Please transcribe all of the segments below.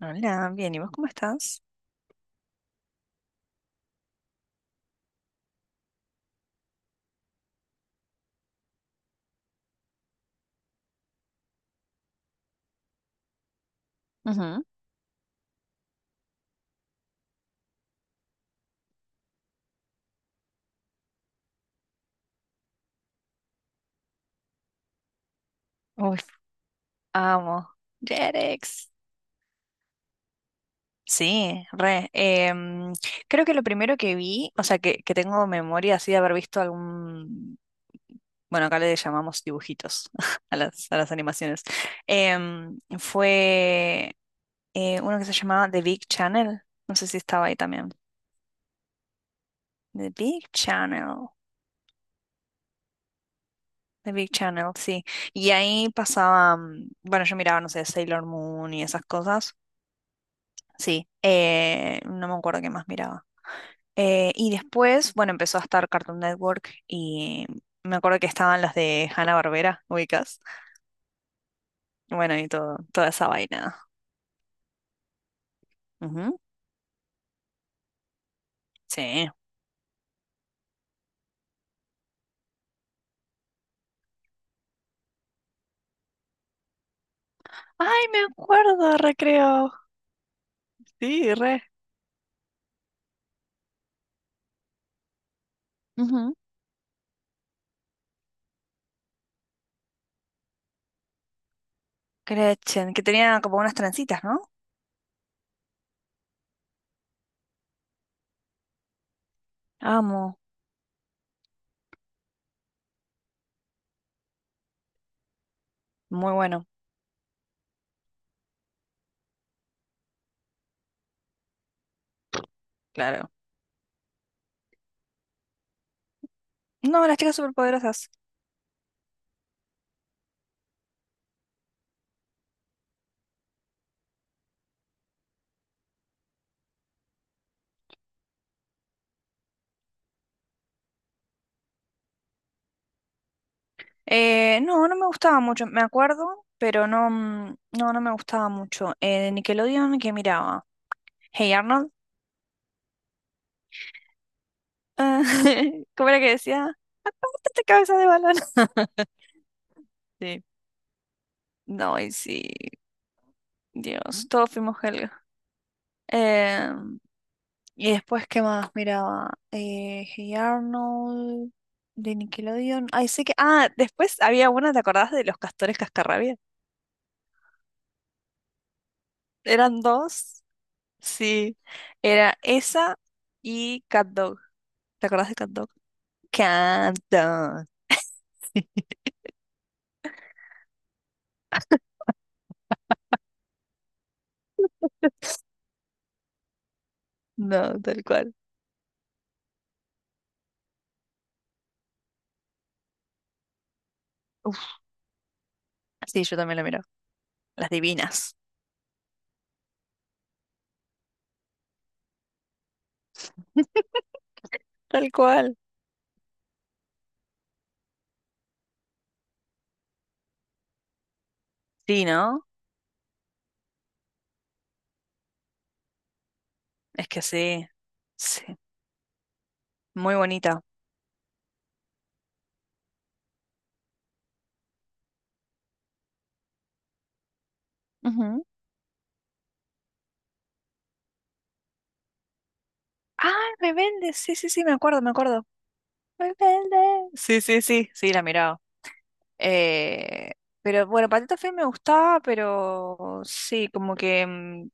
Hola, bien, ¿y vos cómo estás? Ujú. Uy, amo. Jerex. Sí, re. Creo que lo primero que vi, o sea, que tengo memoria así de haber visto algún, bueno, acá le llamamos dibujitos a las animaciones. Fue uno que se llamaba The Big Channel, no sé si estaba ahí también. The Big Channel. The Big Channel, sí. Y ahí pasaba, bueno, yo miraba, no sé, Sailor Moon y esas cosas. Sí, no me acuerdo qué más miraba. Y después, bueno, empezó a estar Cartoon Network y me acuerdo que estaban las de Hanna-Barbera, ubicas. Bueno, y toda esa vaina. Ujú. Sí. Ay, me acuerdo, recreo. Sí, re. Ujú. Gretchen, que tenía como unas trencitas, ¿no? Amo. Muy bueno, claro. No, las chicas superpoderosas. No, no me gustaba mucho, me acuerdo, pero no, no me gustaba mucho. De Nickelodeon, ¿qué miraba? Hey Arnold. Ah, ¿cómo era que decía? ¡Quítate cabeza de balón! Sí. No, y sí, Dios, todos fuimos Helga. Eh, y después, ¿qué más miraba? Hey Arnold, de Nickelodeon. Ay, sé que. Ah, después había una, ¿te acordás de los castores cascarrabia? Eran dos. Sí, era esa y Cat Dog. ¿Te acordás de Cat Dog? Cat Dog. No, tal cual. Uf, sí, yo también la miro. Las divinas. Tal cual. Sí, ¿no? Es que sí, sí, muy bonita. Ujú. Ah, Rebelde, sí, sí, sí, me acuerdo, me acuerdo. Rebelde. Sí, sí, sí, sí, la miraba. Eh, pero bueno, Patito Feo me gustaba, pero sí, como que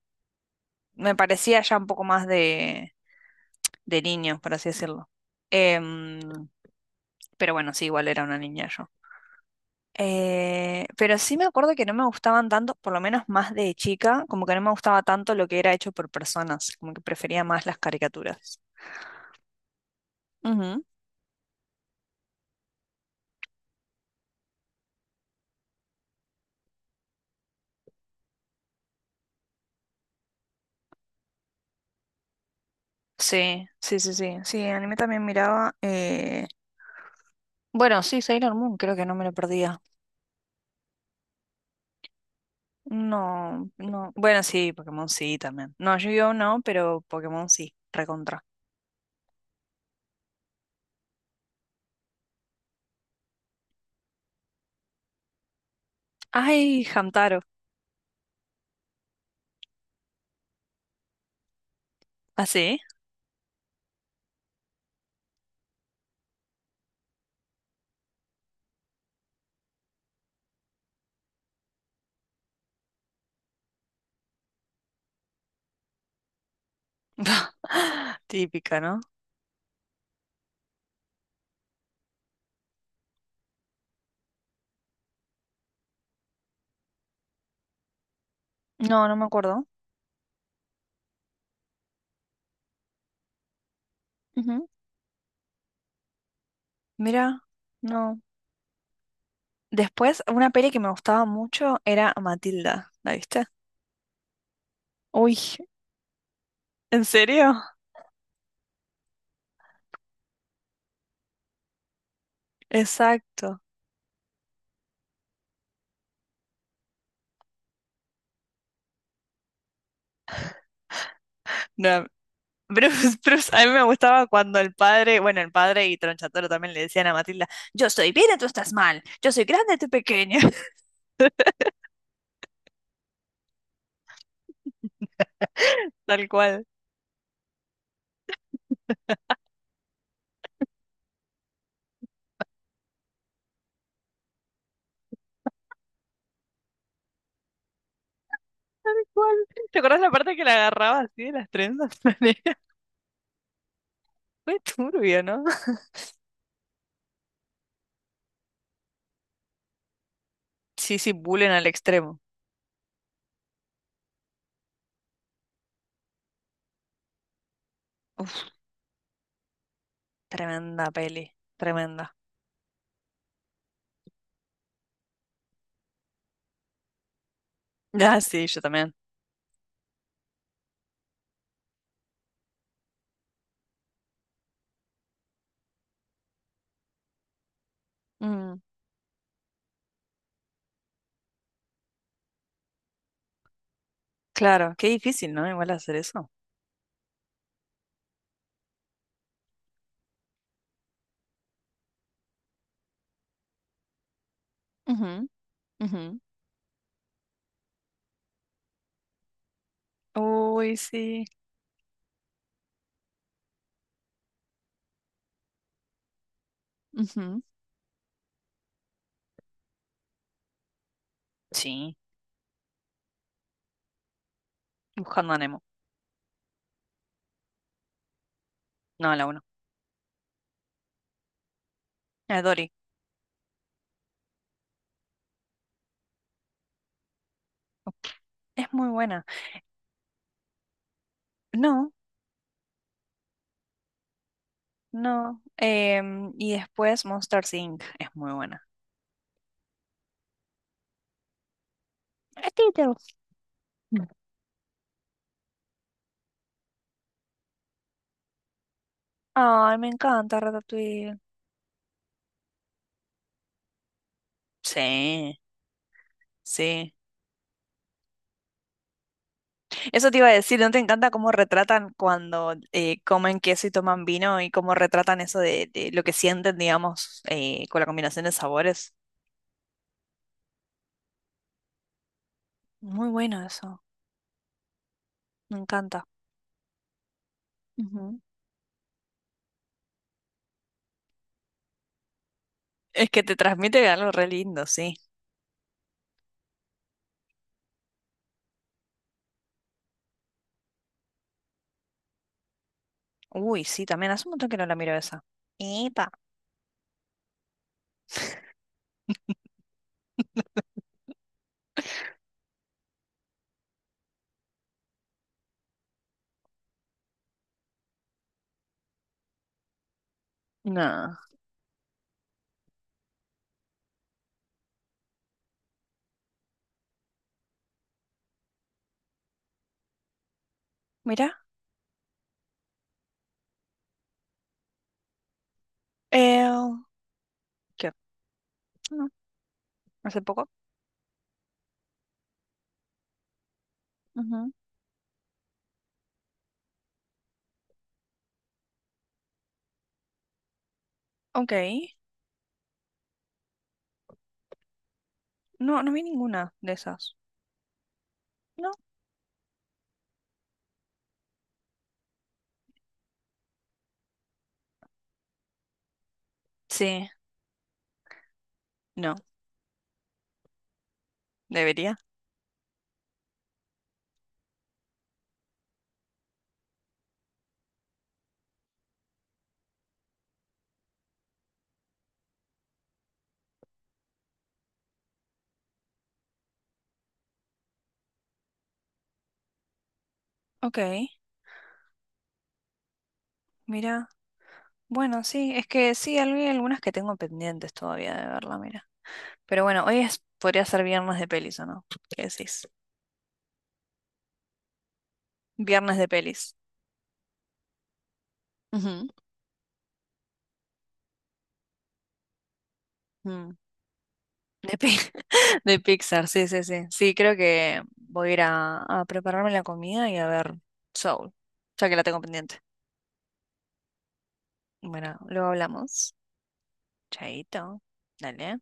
me parecía ya un poco más de niño, por así decirlo. Em, pero bueno, sí, igual era una niña yo. Pero sí me acuerdo que no me gustaban tanto, por lo menos más de chica, como que no me gustaba tanto lo que era hecho por personas, como que prefería más las caricaturas. Ujú. Sí, sí, sí, sí. Sí, anime también miraba. Bueno, sí, Sailor Moon, creo que no me lo perdía. No, no. Bueno, sí, Pokémon sí también. No, Yu-Gi-Oh no, pero Pokémon sí, recontra. Ay, Hamtaro. ¿Ah, sí? Típica, ¿no? No, no me acuerdo. Ujú. Mira, no. Después, una peli que me gustaba mucho era Matilda. ¿La viste? Uy, ¿en serio? Exacto. No, Bruce, Bruce, a mí me gustaba cuando el padre, bueno, el padre y Tronchatoro también le decían a Matilda, yo estoy bien y tú estás mal, yo soy grande, tú pequeña. Tal cual, tal cual. ¿Te acuerdas la parte que la agarraba así de las trenzas? Fue turbio, ¿no? Sí, sí, bullying al extremo. Uf, tremenda peli, tremenda. Ah, sí, yo también. Mm, claro, qué difícil, ¿no? Igual hacer eso. Ujú, ujú. Uy, sí. Ujú. Sí, buscando a Nemo. No, la uno. A Dory. Es muy buena. No. No. Y después Monster Inc. es muy buena. Ratito. Ay, me encanta Ratatouille. Sí, sí. Eso te iba a decir, ¿no te encanta cómo retratan cuando comen queso y toman vino y cómo retratan eso de lo que sienten, digamos, con la combinación de sabores? Muy bueno eso, me encanta. Ujú. Es que te transmite algo re lindo, sí. Uy, sí, también hace un montón que no la miro esa. Epa. No. Mira. Eh, ¿Qué? Hace poco. Ujú. Ok. No, no vi ninguna de esas. No. Sí, no, debería. Ok, mira. Bueno, sí, es que sí, hay algunas que tengo pendientes todavía de verla, mira. Pero bueno, hoy es, podría ser viernes de pelis, ¿o no? ¿Qué decís? Viernes de pelis. Ujú. Mm. De, Pi- de Pixar, sí, sí, sí. Sí, creo que voy a ir a prepararme la comida y a ver Soul, ya que la tengo pendiente. Bueno, luego hablamos. Chaito. Dale.